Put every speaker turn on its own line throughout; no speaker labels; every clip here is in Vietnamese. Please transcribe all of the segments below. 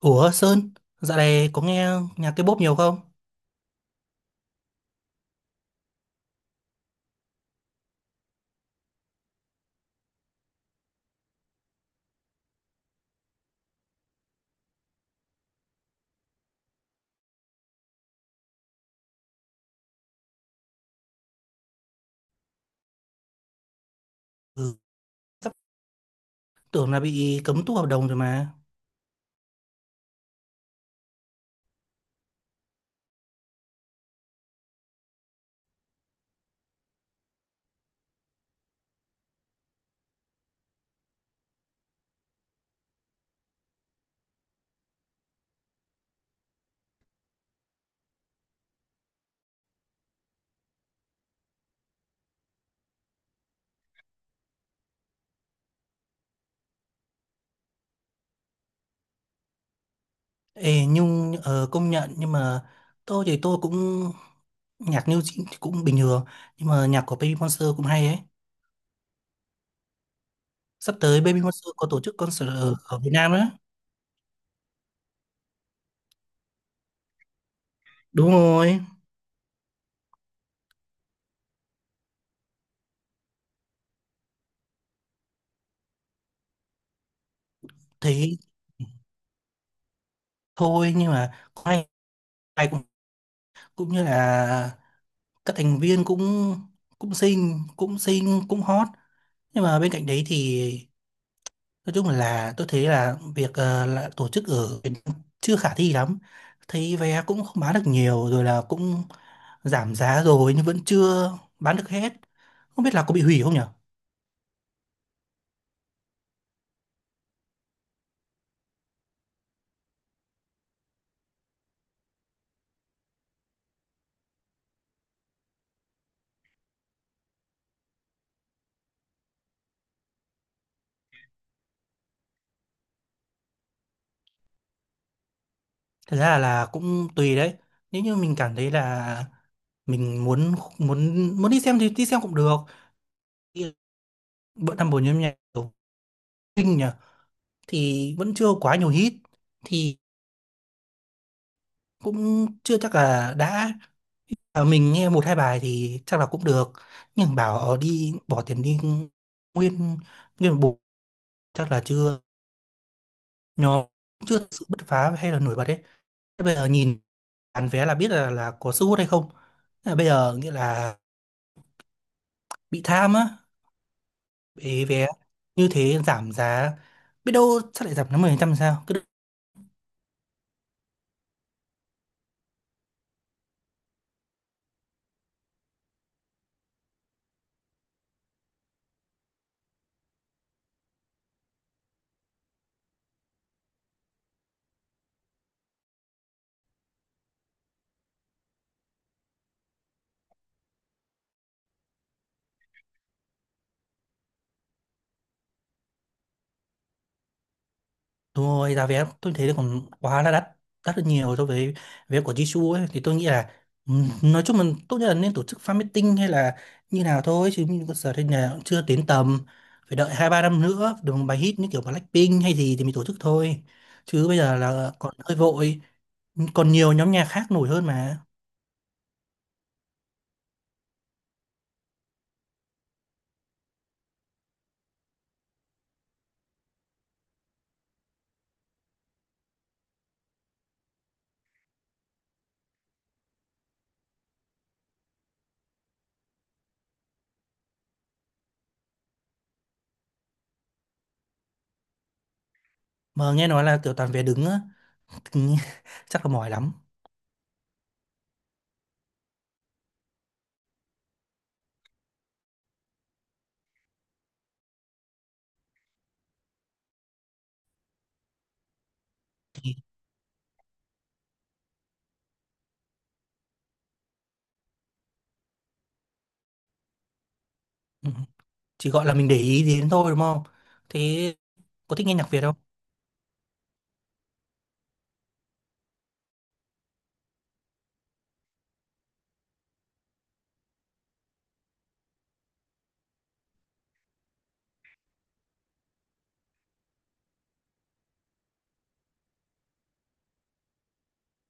Ủa Sơn, dạo này có nghe nhạc K-pop nhiều không? Ừ, sắp tưởng là bị cấm tu hợp đồng rồi mà. Ê, nhưng công nhận nhưng mà tôi thì tôi cũng nhạc New Jeans thì cũng bình thường, nhưng mà nhạc của Baby Monster cũng hay ấy. Sắp tới Baby Monster có tổ chức concert ở Việt Nam đó. Đúng rồi. Thấy thôi nhưng mà cũng hay hay cũng, cũng như là các thành viên cũng cũng xinh cũng xinh cũng hot nhưng mà bên cạnh đấy thì nói chung là tôi thấy là việc là tổ chức ở Việt Nam chưa khả thi lắm. Thấy vé cũng không bán được nhiều rồi là cũng giảm giá rồi nhưng vẫn chưa bán được hết. Không biết là có bị hủy không nhở. Thật ra là cũng tùy đấy. Nếu như mình cảm thấy là mình muốn muốn muốn đi xem thì đi xem cũng được. Thì bữa năm bốn nhóm nhạc của Vinh nhỉ thì vẫn chưa quá nhiều hit thì cũng chưa chắc là đã. À, mình nghe một hai bài thì chắc là cũng được, nhưng bảo đi bỏ tiền đi nguyên nguyên một bộ chắc là chưa, nó chưa thực sự bứt phá hay là nổi bật đấy. Thế bây giờ nhìn bán vé là biết là có sức hút hay không. Thế là bây giờ nghĩa là bị tham á về vé, như thế giảm giá biết đâu chắc lại giảm đến 10% sao. Đúng rồi, giá vé tôi thấy là còn quá là đắt, đắt hơn nhiều so với vé của Jisoo ấy. Thì tôi nghĩ là nói chung là tốt nhất là nên tổ chức fan meeting hay là như nào thôi. Chứ mình giờ đây là cũng chưa đến tầm, phải đợi hai ba năm nữa, được một bài hit như kiểu Blackpink hay gì thì mình tổ chức thôi. Chứ bây giờ là còn hơi vội, còn nhiều nhóm nhạc khác nổi hơn mà. Mà nghe nói là kiểu toàn vé đứng á, chắc là mỏi lắm. Ừ. Chỉ gọi là mình để ý đến thôi đúng không? Thế có thích nghe nhạc Việt không?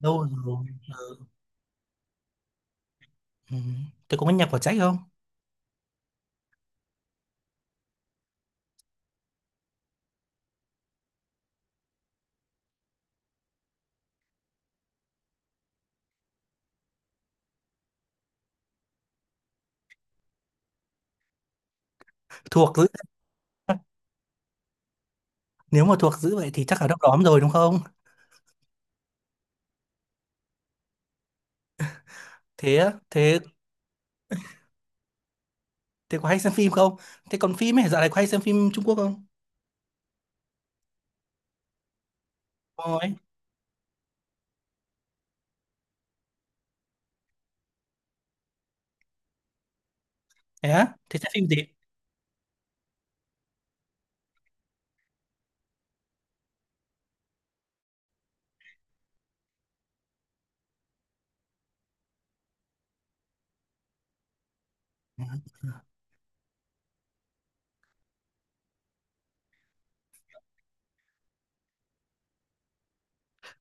Đâu rồi. Ừ. Thế cũng có nhạc của Trách không? Thuộc dữ. Nếu mà thuộc dữ vậy thì chắc là đom đóm rồi đúng không? Thế á, thế thế có hay xem phim không? Thế còn phim ấy, dạo này có hay xem phim Trung Quốc không? Ôi, thế á, thế xem phim gì? Ừ.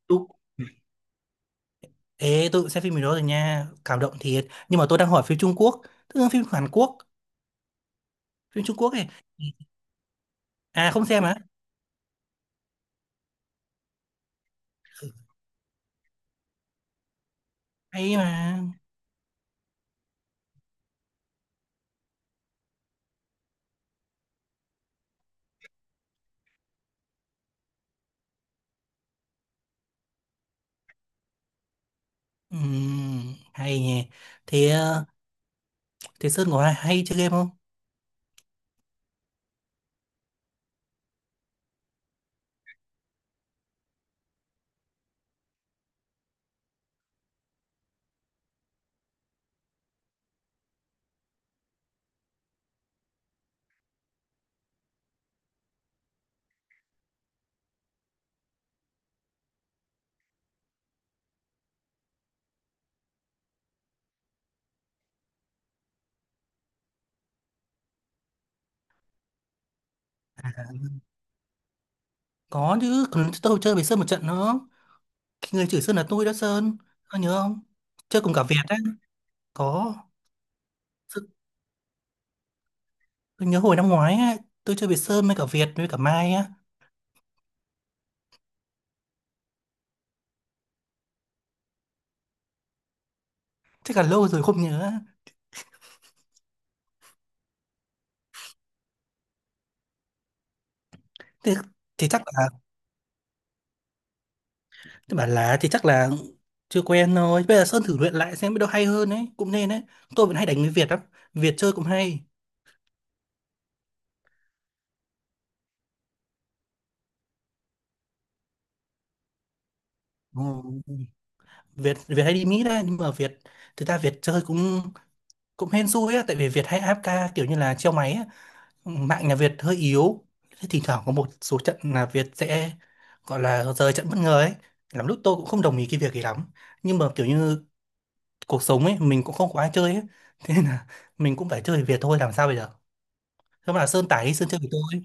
Tôi- Ê, tôi cũng xem phim gì đó rồi nha, cảm động thiệt. Nhưng mà tôi đang hỏi phim Trung Quốc, tức là phim Hàn Quốc, phim Trung Quốc ấy. À không xem á, hay mà. Hay nhỉ. Thế thế Sơn có hay chơi game không? Có chứ, còn tôi chơi với Sơn một trận nữa. Cái người chửi Sơn là tôi đó Sơn. Ông nhớ không? Chơi cùng cả Việt á. Có. Sơn- Tôi nhớ hồi năm ngoái á. Tôi chơi với Sơn với cả Việt với cả Mai á. Chắc là lâu rồi không nhớ. Thế thì chắc là tôi bảo là thì chắc là chưa quen thôi. Bây giờ Sơn thử luyện lại xem biết đâu hay hơn ấy. Cũng nên đấy. Tôi vẫn hay đánh với Việt lắm, Việt chơi cũng hay. Ừ. Việt Việt hay đi Mỹ đấy. Nhưng mà Việt thực ra Việt chơi cũng cũng hên xui á. Tại vì Việt hay a ép ca kiểu như là treo máy á, mạng nhà Việt hơi yếu, thế thỉnh thoảng có một số trận là Việt sẽ gọi là rời trận bất ngờ ấy, lắm lúc tôi cũng không đồng ý cái việc ấy lắm nhưng mà kiểu như cuộc sống ấy, mình cũng không có ai chơi ấy thế nên là mình cũng phải chơi với Việt thôi làm sao bây giờ. Thế mà là Sơn tải đi Sơn chơi với tôi,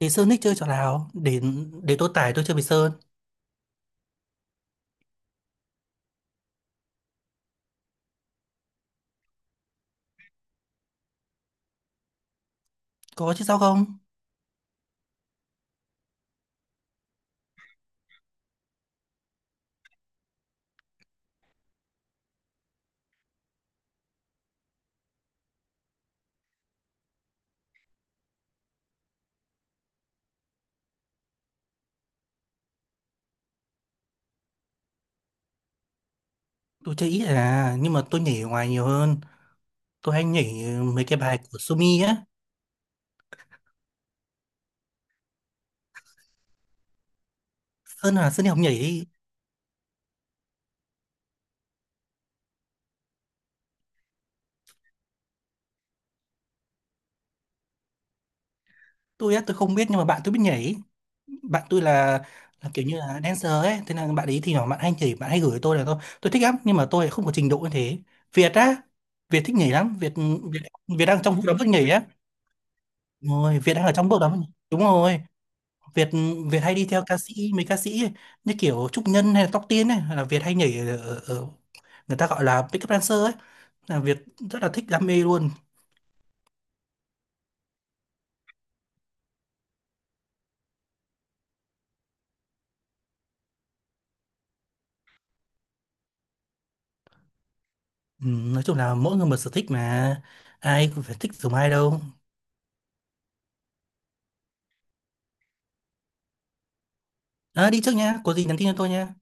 thì Sơn thích chơi trò nào để tôi tải tôi chơi với Sơn. Có chứ sao không. Tôi chơi ít à nhưng mà tôi nhảy ở ngoài nhiều hơn, tôi hay nhảy mấy cái bài của Sumi á. Sơn là Sơn đi học nhảy. Tôi á tôi không biết nhưng mà bạn tôi biết nhảy, bạn tôi là kiểu như là dancer ấy, thế là bạn ấy thì nhỏ bạn hay nhảy bạn hay gửi tôi là tôi thích lắm nhưng mà tôi lại không có trình độ như thế. Việt á, Việt thích nhảy lắm. Việt Việt, Việt đang trong vụ đấm bước nhảy á. Đúng rồi Việt đang ở trong bước đấm, đúng rồi. Việt Việt hay đi theo ca sĩ, mấy ca sĩ ấy, như kiểu Trúc Nhân hay là Tóc Tiên ấy, là Việt hay nhảy ở người ta gọi là pick up dancer ấy, là Việt rất là thích đam mê luôn. Ừ, nói chung là mỗi người một sở thích mà, ai cũng phải thích giống ai đâu. À, đi trước nhá, có gì nhắn tin cho tôi nhá.